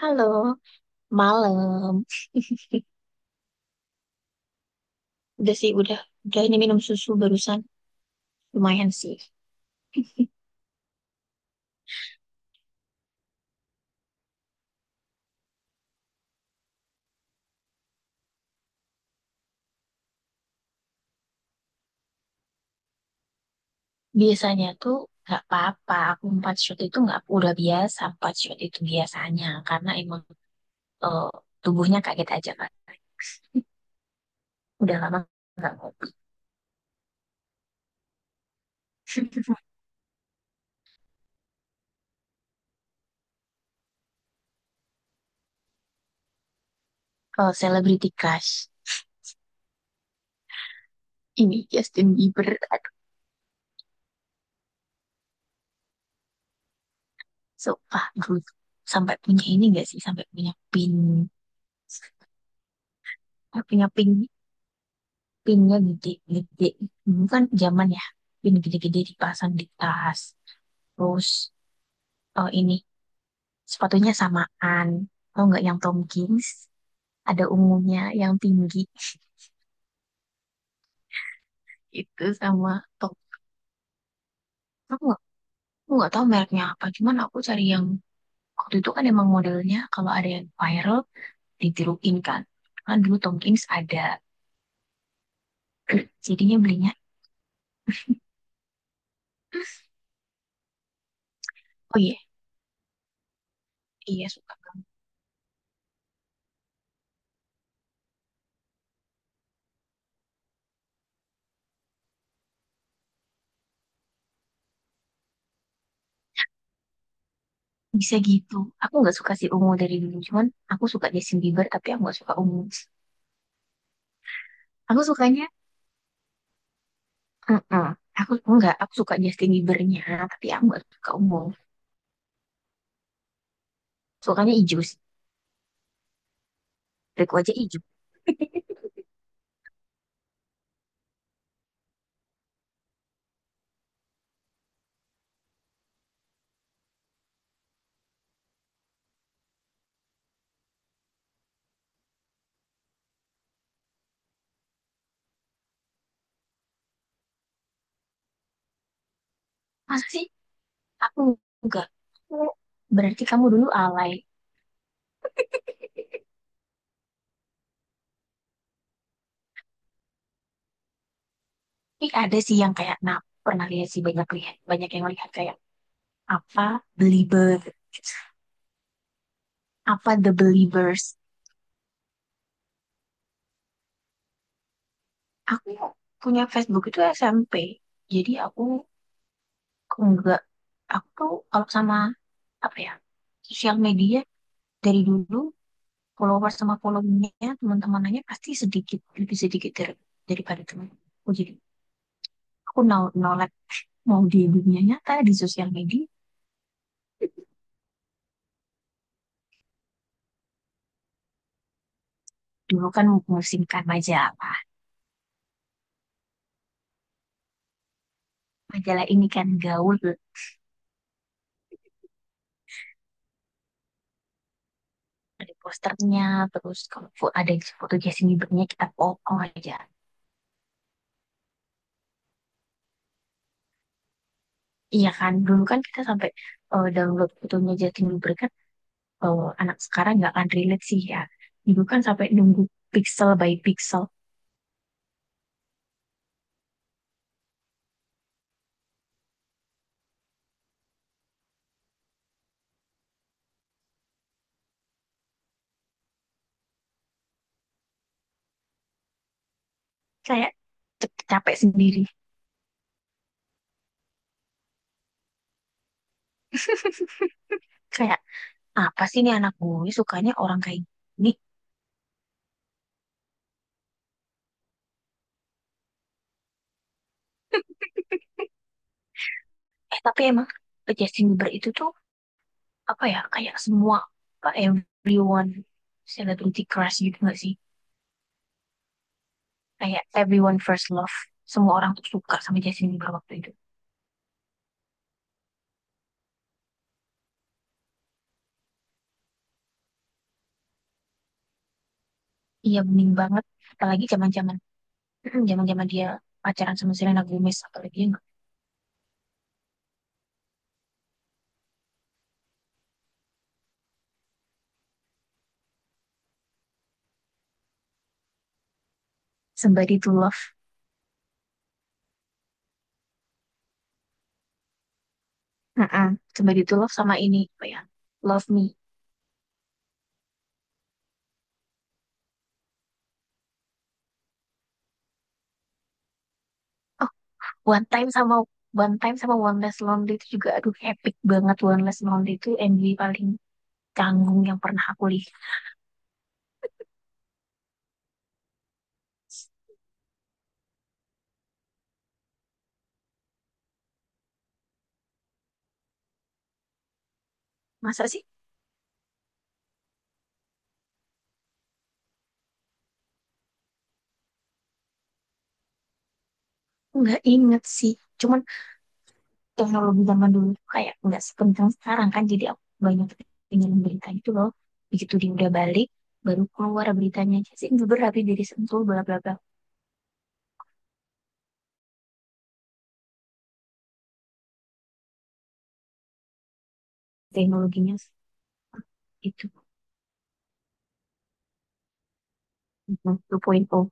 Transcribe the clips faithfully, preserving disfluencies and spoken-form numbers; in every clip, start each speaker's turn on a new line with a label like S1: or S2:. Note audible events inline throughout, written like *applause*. S1: Halo, malam. Udah sih, udah. Udah ini minum susu barusan. Lumayan sih. Biasanya tuh nggak apa-apa. Aku empat shot itu nggak udah biasa. Empat shot itu biasanya. Karena emang eh, tubuhnya kaget aja kan. Udah lama nggak ngopi. *laughs* Kalau Celebrity Crush, ini Justin Bieber. Aduh, sumpah. Gue sampai punya ini nggak sih? Sampai punya pin. Sampai punya pin. Pinnya gede-gede. Bukan zaman ya. Pin gede-gede dipasang di tas. Terus eh, ini sepatunya samaan. Tau nggak yang Tomkins? Ada ungunya yang tinggi. *laughs* Itu sama top. Aku nggak aku nggak tahu mereknya apa. Cuman aku cari yang waktu itu kan emang modelnya kalau ada yang viral ditiruin kan. Kan dulu Tomkins ada. *clears throat* Jadinya belinya. Oh iya, iya suka banget. Bisa gitu. Aku nggak suka si ungu dari dulu. Cuman aku suka Justin Bieber tapi aku nggak suka ungu. Aku sukanya. mm Aku enggak, aku suka Justin Biebernya, tapi aku nggak suka ungu. Sukanya hijau sih. Driku aja hijau. Masa sih? Aku enggak. Aku, berarti kamu dulu alay. Tapi ada sih yang kayak, nah, pernah lihat sih, banyak lihat. Banyak yang lihat kayak apa, belieber. Apa the believers. Aku punya Facebook itu S M P. Jadi aku enggak. Aku tuh kalau sama apa ya, sosial media dari dulu, follower sama followingnya teman-temanannya pasti sedikit, lebih sedikit dari, daripada teman, aku jadi aku no no like mau di dunia nyata, di sosial media, dulu kan memusingkan majalah. Majalah ini kan gaul, ada posternya, terus kalau fo- ada foto Justin Bieber-nya kita foto aja. Iya kan, dulu kan kita sampai eh, download fotonya Justin Bieber kan, eh, anak sekarang nggak akan relate sih ya. Dulu kan sampai nunggu pixel by pixel, kayak c- capek sendiri. Kayak apa sih nih anak gue sukanya orang kayak gini? Eh, tapi emang Justin Bieber itu tuh apa ya, kayak semua apa, everyone celebrity crush gitu gak sih, kayak everyone first love, semua orang tuh suka sama Justin Bieber waktu itu, iya bening banget, apalagi zaman zaman zaman zaman *clears throat* dia pacaran sama Selena Gomez, apalagi yang Somebody to Love. Mm-mm. Somebody to Love sama ini apa ya, Love Me. Oh, One Time sama One Time sama One Less Lonely itu juga, aduh, epic banget. One Less Lonely itu M V paling canggung yang pernah aku lihat. Masa sih, nggak inget sih, cuman teknologi zaman dulu tuh kayak nggak sekencang sekarang kan, jadi aku banyak pengen berita itu loh. Begitu dia udah balik, baru keluar beritanya Justin Bieber habis dari Sentul bla bla bla. Teknologinya itu dua titik nol.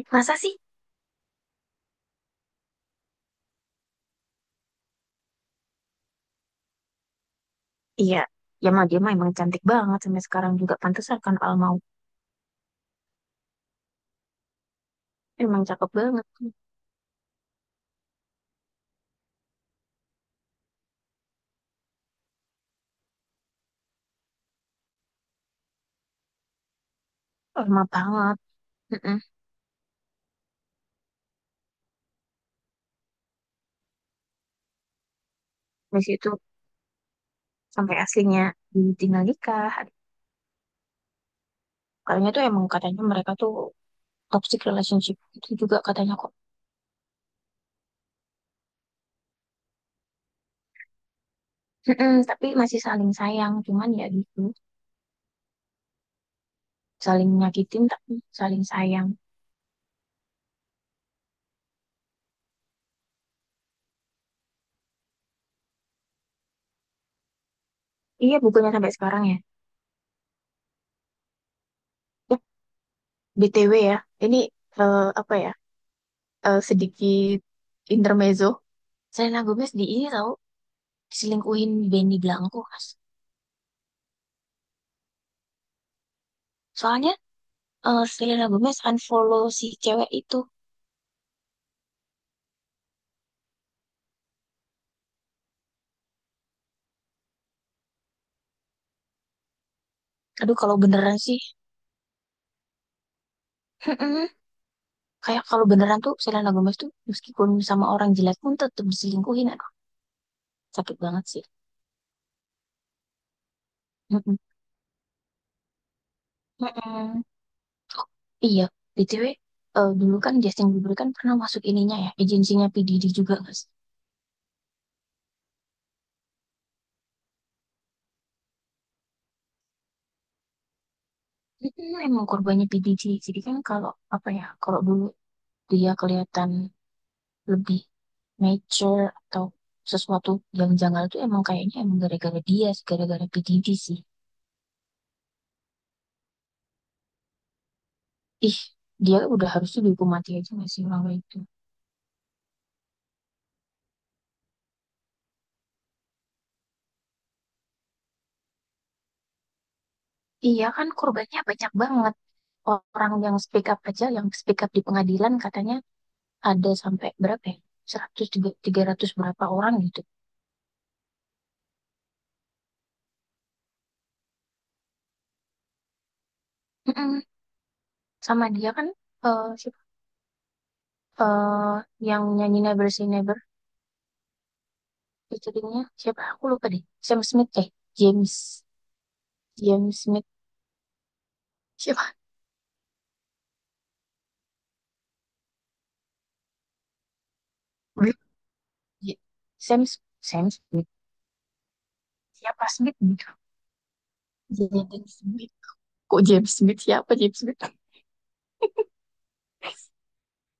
S1: Ih, masa sih. Iya, ya mah dia mah emang cantik banget sampai sekarang juga, pantesan kan, Alma emang cakep banget. Alma banget. Mm-mm. Dari situ sampai aslinya ditinggal nikah. Kayaknya tuh emang katanya mereka tuh toxic relationship, itu juga katanya aku. Mm-mm, tapi masih saling sayang, cuman ya gitu, saling nyakitin tapi saling sayang. Iya, bukunya sampai sekarang ya. Eh, B T W ya, ini eh, apa ya? Eh, sedikit intermezzo. Selena Gomez di ini tahu, diselingkuhin Benny Blanco, Mas. Soalnya eh, Selena Gomez unfollow si cewek itu. Aduh, kalau beneran sih, mm-mm. Kayak kalau beneran tuh Selena Gomez tuh meskipun sama orang jelek pun tetap diselingkuhin. Aduh, sakit banget sih. Mm-mm. Mm-mm. Oh, iya, B T W, eh, dulu kan Justin Bieber kan pernah masuk ininya ya, agensinya P. Diddy juga, guys. Mm, emang korbannya P. Diddy. Jadi kan kalau, apa ya, kalau dulu dia kelihatan lebih mature atau sesuatu yang janggal, itu emang kayaknya emang gara-gara dia, sih, gara-gara P. Diddy sih. Ih, dia udah harusnya dihukum mati aja gak sih orang kayak itu? Iya kan korbannya banyak banget. Orang yang speak up aja, yang speak up di pengadilan katanya ada sampai berapa ya? seratus tiga- ratus berapa orang gitu. Mm-mm. Sama dia kan, eh siapa? Eh, yang nyanyi Never Say Never featuringnya siapa? Aku lupa deh. Sam Smith, eh James James Smith siapa? Blip. J- Sam Sam Smith, siapa Smith gitu? Jaden Smith. Kok James Smith, siapa James Smith?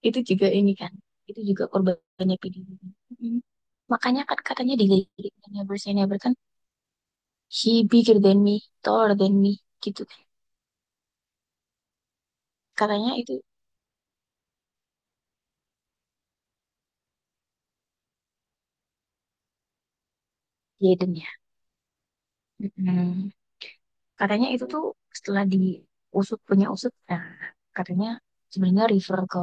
S1: Itu juga ini kan. Itu juga korbannya P D B. Mm. Makanya kan katanya di liriknya Never Say Never kan, he bigger than me, taller than me, gitu. Katanya itu Jaden ya. Mm-mm. Katanya itu tuh setelah diusut punya usut, nah, katanya sebenarnya refer ke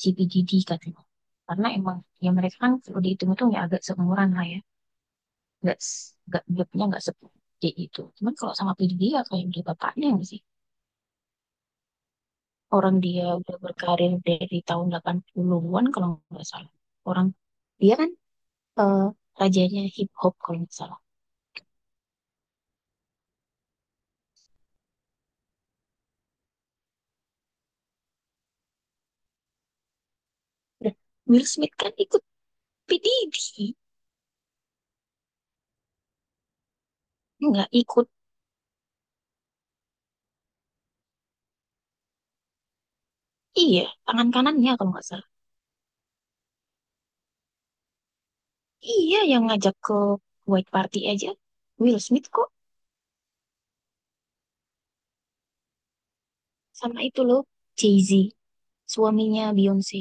S1: C P G D katanya. Karena emang ya mereka kan kalau dihitung itu ya agak seumuran lah ya. Nggak, s- nggak, jobnya nggak segede itu. Cuman kalau sama P D ya kayak udah bapaknya nggak sih. Orang dia udah berkarir dari tahun delapan puluhan-an kalau nggak salah. Orang dia kan eh, rajanya hip hop kalau nggak salah. Udah, Will Smith kan ikut P D D, nggak ikut. Iya, tangan kanannya kalau nggak salah. Iya, yang ngajak ke White Party aja. Will Smith kok, sama itu loh, Jay-Z, suaminya Beyonce.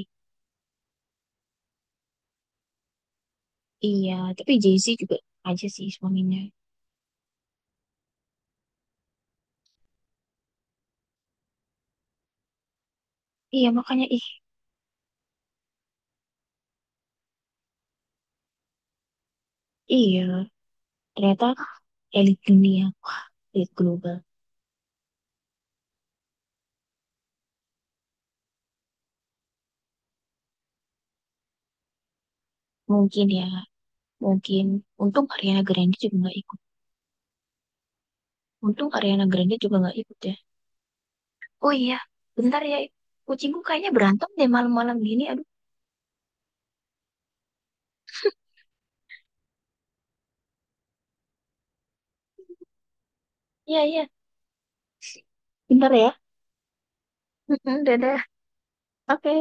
S1: Iya, tapi Jay-Z juga aja sih suaminya. Iya, makanya ih, iya, ternyata elit dunia, wah, elit global. Mungkin ya, mungkin. Untung Ariana Grande juga nggak ikut. Untung Ariana Grande juga nggak ikut ya. Oh iya, bentar ya. Kucingku kayaknya berantem deh malam-malam gini. Aduh, iya, iya. Bentar ya. Mm-mm, dadah. Oke,